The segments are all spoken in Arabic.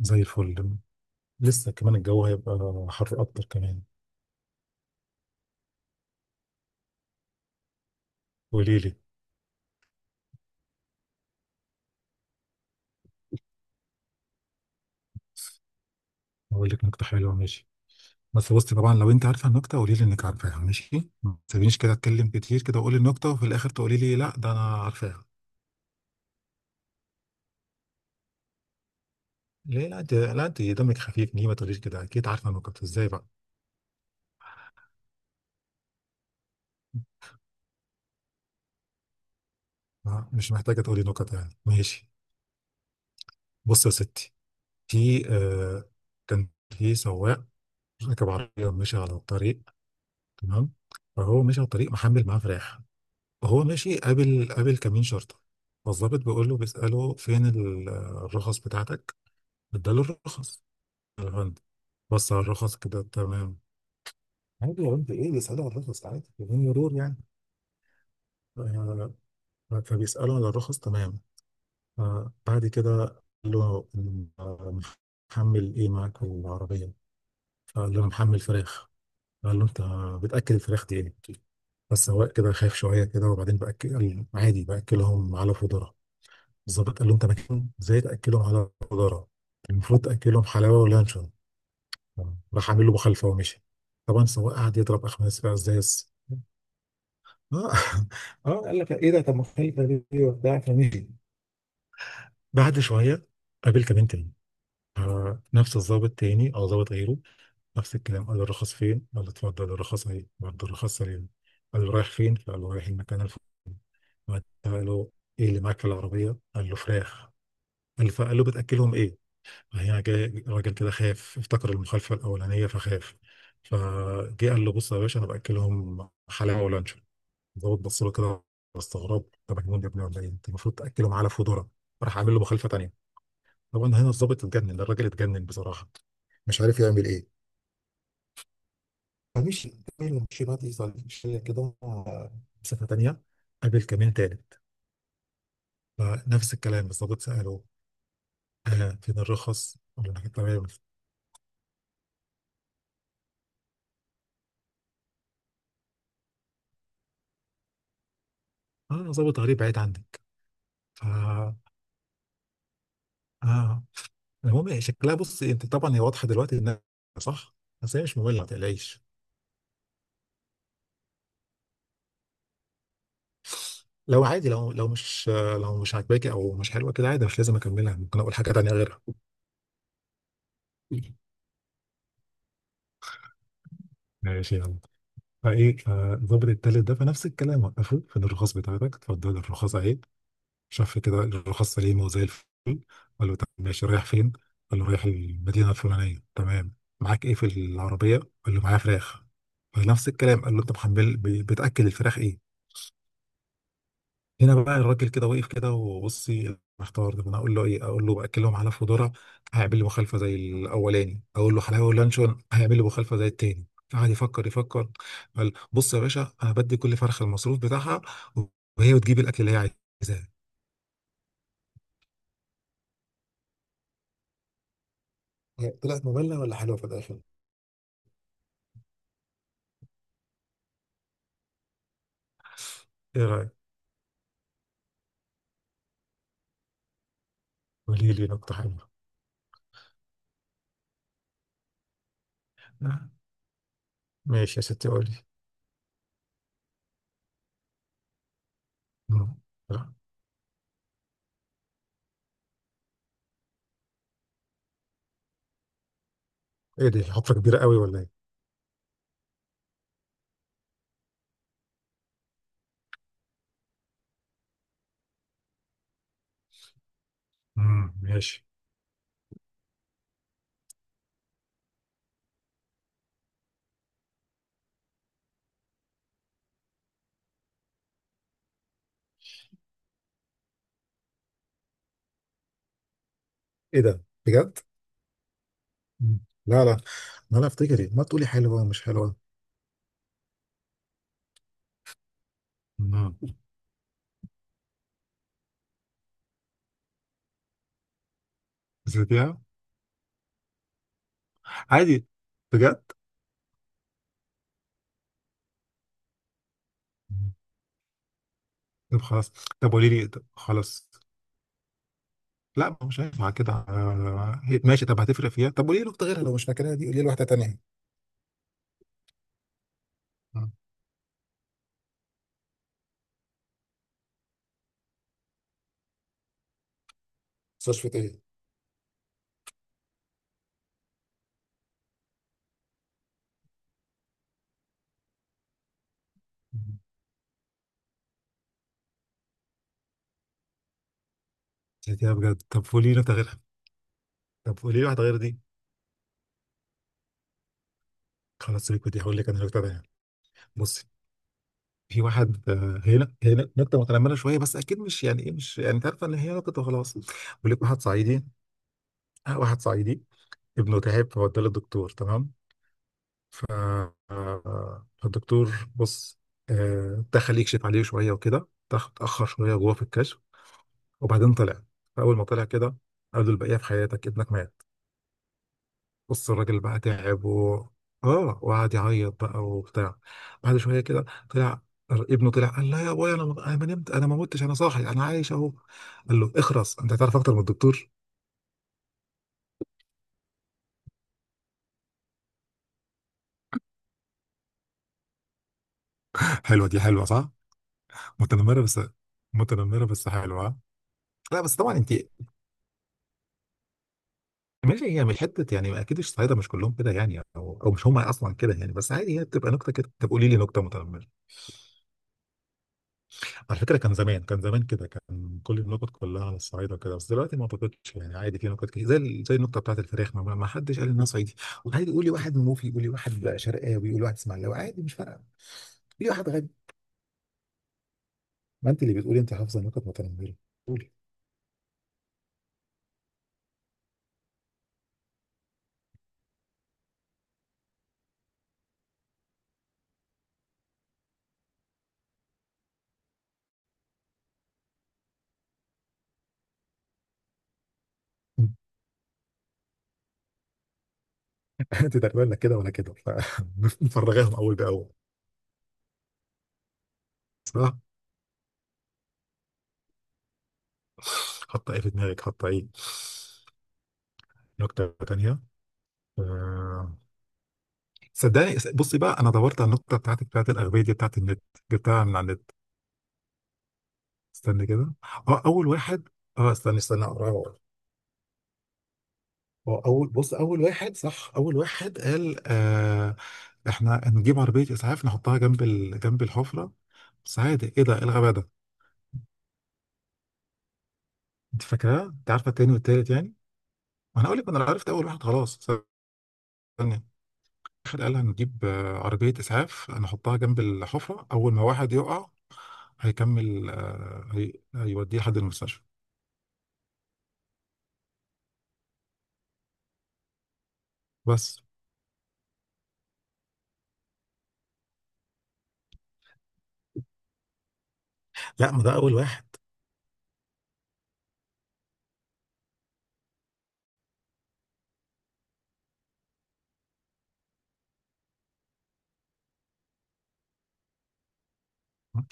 زي الفل. لسه كمان الجو هيبقى حر اكتر كمان. قولي لي. اقول لك نكته حلوه، ماشي. بس بصي، طبعا لو انت عارفه النكته قولي لي انك عارفاها، ماشي؟ ما تسيبنيش كده اتكلم كتير كده واقول النكته وفي الاخر تقولي لي لا ده انا عارفاها. ليه؟ لا انت دمك خفيف، ليه ما تقوليش كده اكيد عارفه النكت ازاي بقى؟ آه، مش محتاجه تقولي نكت يعني، ماشي. بصي يا ستي، في آه كان في سواق راكب عربيه ومشي على الطريق، تمام؟ فهو مشي على الطريق محمل معاه فراخ. هو ماشي، قابل كمين شرطة. فالظابط بيقول له، بيسأله: فين الرخص بتاعتك؟ اداله الرخص. يا فندم، بص على الرخص كده، تمام. عادي يا بنت ايه، بيسأله على الرخص عادي بدون مرور يعني. آه، فبيسأله على الرخص، تمام. بعد كده قال له: آه، محمل ايه معاك في العربية؟ فقال له: أنا محمل فراخ. قال له: انت بتأكل الفراخ دي ايه؟ بس هو كده خايف شوية كده، وبعدين بأكل عادي، بأكلهم على فودرة. الظابط قال لهم: طب كان ازاي تاكلهم على الجدارة؟ المفروض تاكلهم حلاوه ولانشون. راح عامل له مخالفه ومشي. طبعا السواق قعد يضرب اخماس بقى ازاز. اه اه قال لك ايه ده، طب مخالفه دي وبتاع، فمشي. بعد شويه قابل كمان تاني، نفس الظابط تاني او ظابط غيره. نفس الكلام، قال له: الرخص فين؟ قال له: اتفضل الرخص اهي. بعد الرخص سليم قال له: رايح فين؟ فقال له: رايح المكان الفلاني. قال له: ايه اللي معاك في العربيه؟ قال له: فراخ. قال له، فقال له: بتاكلهم ايه؟ هنا جاي راجل كده خاف، افتكر المخالفة الأولانية فخاف، فجه قال له: بص يا باشا، أنا بأكلهم حلاوة ولانشون. الضابط بص له كده باستغراب: أنت مجنون يا ابني ولا إيه؟ أنت المفروض تأكلهم على فودرة. راح عامل له مخالفة تانية. طبعا هنا الضابط اتجنن، الراجل اتجنن بصراحة، مش عارف يعمل إيه. فمشي، مشي بقى، مشي كده مسافة تانية. قابل كمين تالت، فنفس الكلام، الضابط سأله: فين الرخص؟ قال له: أنا، كنت تمام. آه، ضابط غريب بعيد عنك. ف آه المهم هي شكلها، بص انت طبعا، هي واضحه دلوقتي انها صح، بس هي مش ممله ما تقلقيش. لو عادي، لو مش عاجباكي او مش حلوه كده عادي، مش لازم اكملها، ممكن اقول حاجه تانيه غيرها. ماشي، يلا. فايه، فالظابط التالت ده، فنفس الكلام وقفه: فين الرخص بتاعتك؟ اتفضل الرخص اهي. شاف كده الرخص سليمه وزي الفل. قال له: طب ماشي، رايح فين؟ قال له: رايح المدينه الفلانيه، تمام. معاك ايه في العربيه؟ قال له: معايا فراخ. فنفس الكلام قال له: انت محمل بتاكل الفراخ ايه؟ هنا بقى الراجل كده واقف كده وبصي محتار: طب انا اقول له ايه؟ اقول له باكلهم على فودورة، هيعمل لي مخالفه زي الاولاني. اقول له حلاوه ولانشون، هيعمل لي مخالفه زي التاني. قعد يفكر يفكر، قال: بص يا باشا، انا بدي كل فرخه المصروف بتاعها وهي بتجيب الاكل اللي هي عايزاه. طلعت مملة ولا حلوة في الآخر؟ ايه رايك؟ قولي لي نقطه حلوه. آه، ماشي يا ستي، قولي. مم. لا، ايه دي، حفره كبيره قوي ولا ايه؟ مم، ماشي. إيه ده؟ بجد؟ مم. لا، لا. ما أنا أفتكر إيه؟ ما تقولي حلوة ومش حلوة. نعم. بذاتها، عادي، بجد. طب خلاص، طب قولي لي، طب خلاص. لا، ما هو مش هينفع كده. ماشي، طب هتفرق فيها، طب قولي لي نكته غيرها لو مش فاكرها دي، قولي لي واحده تانيه. آه. صرف ايه؟ بذاتها، بجد، طب قولي لي نكته غيرها، طب قولي لي واحده غير دي. خلاص سيبك من دي، هقول لك انا نكته تانيه. بصي، في واحد، هنا نكته متنمره شويه، بس اكيد مش يعني، ايه، مش يعني، انت عارفه ان هي نكته وخلاص. بيقول لك واحد صعيدي. آه، واحد صعيدي ابنه تعب، فوداه للدكتور، تمام. ف... فالدكتور بص، آه، دخل يكشف عليه شويه وكده، اتاخر شويه جوه في الكشف، وبعدين طلع. فاول ما طلع كده قال له: البقيه في حياتك، ابنك مات. بص الراجل بقى تعب، و اه وقعد يعيط بقى وبتاع. بعد شويه كده طلع ابنه، طلع قال: لا يا ابويا، انا ما نمت، انا ما متش، انا صاحي، انا عايش اهو. قال له: اخرس، انت هتعرف اكتر من الدكتور؟ حلوه دي، حلوه صح؟ متنمره بس، متنمره بس حلوه، ها؟ لا بس طبعا انت، ماشي، هي مش حته يعني، اكيد الصعايده مش كلهم كده يعني، او او مش هم اصلا كده يعني، بس عادي هي بتبقى نكته كده. طب قولي لي نكته متنمره. على فكره، كان زمان كده كان كل النكت كلها على الصعايده كده، بس دلوقتي ما اعتقدش، يعني عادي في نكت كتير، زي زي النكته بتاعت الفراخ ما حدش قال انها صعيدي. وعادي قولي واحد منوفي، قولي واحد شرقاوي، قولي واحد اسماعيلاوي، عادي مش فارقه. قولي واحد غبي. ما انت اللي بتقولي انت حافظه نكت متنمره، قولي. انت تقريبا لا كده ولا كده فمفرغاهم اول باول. صح. حط ايه في دماغك، حط ايه؟ نكته تانيه. آه، صدقني، بصي بقى، انا دورت على النقطه بتاعتك بتاعت الاغبيه دي بتاعت النت، جبتها من على النت. استني كده. اه اول واحد، استني اقراها وأقول. هو اول، بص، اول واحد، صح، اول واحد قال: احنا نجيب عربيه اسعاف نحطها جنب جنب الحفره. بس عادي ايه ده، إيه الغباء ده؟ انت فاكراه؟ انت عارفه التاني والتالت يعني؟ ما انا اقول لك، ما انا عرفت اول واحد خلاص. استني. واحد قال: هنجيب آه، عربية إسعاف هنحطها جنب الحفرة، أول ما واحد يقع هيكمل هيوديه لحد المستشفى. بس. لا، ما ده اول واحد.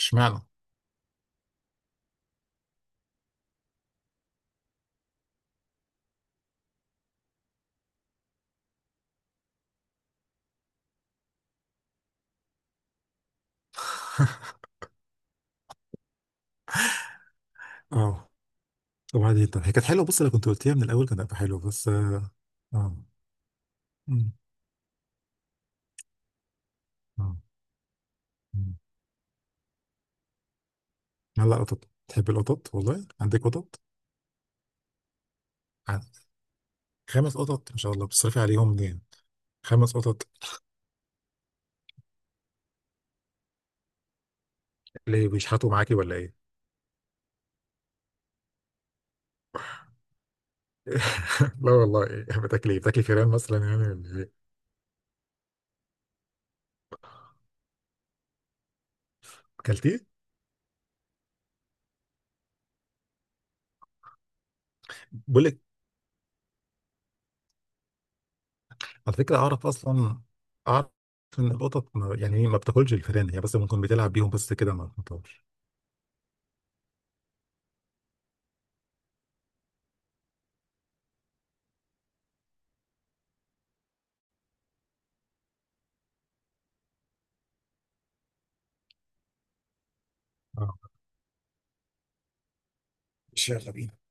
اشمعنى؟ اه. وبعدين طب هي كانت حلوه، بص لو كنت قلتيها من الاول كان هيبقى حلو، بس اه. اه. مم. آه. مم. هلا قطط، تحب القطط، والله؟ عندك قطط؟ عن-. 5 قطط، ما شاء الله، بتصرفي عليهم منين؟ 5 قطط. ليه، بيشحتوا معاكي ولا ايه؟ لا والله، إيه؟ بتاكلي، بتاكلي فيران مثلا يعني ولا ايه؟ اكلتيه؟ بقول لك، على فكرة، أعرف أصلا، أعرف إن القطط يعني إيه، ما بتاكلش الفئران هي، بس ممكن بتلعب بيهم بس كده، ما بتطورش. اه، ماشي، يلا بينا.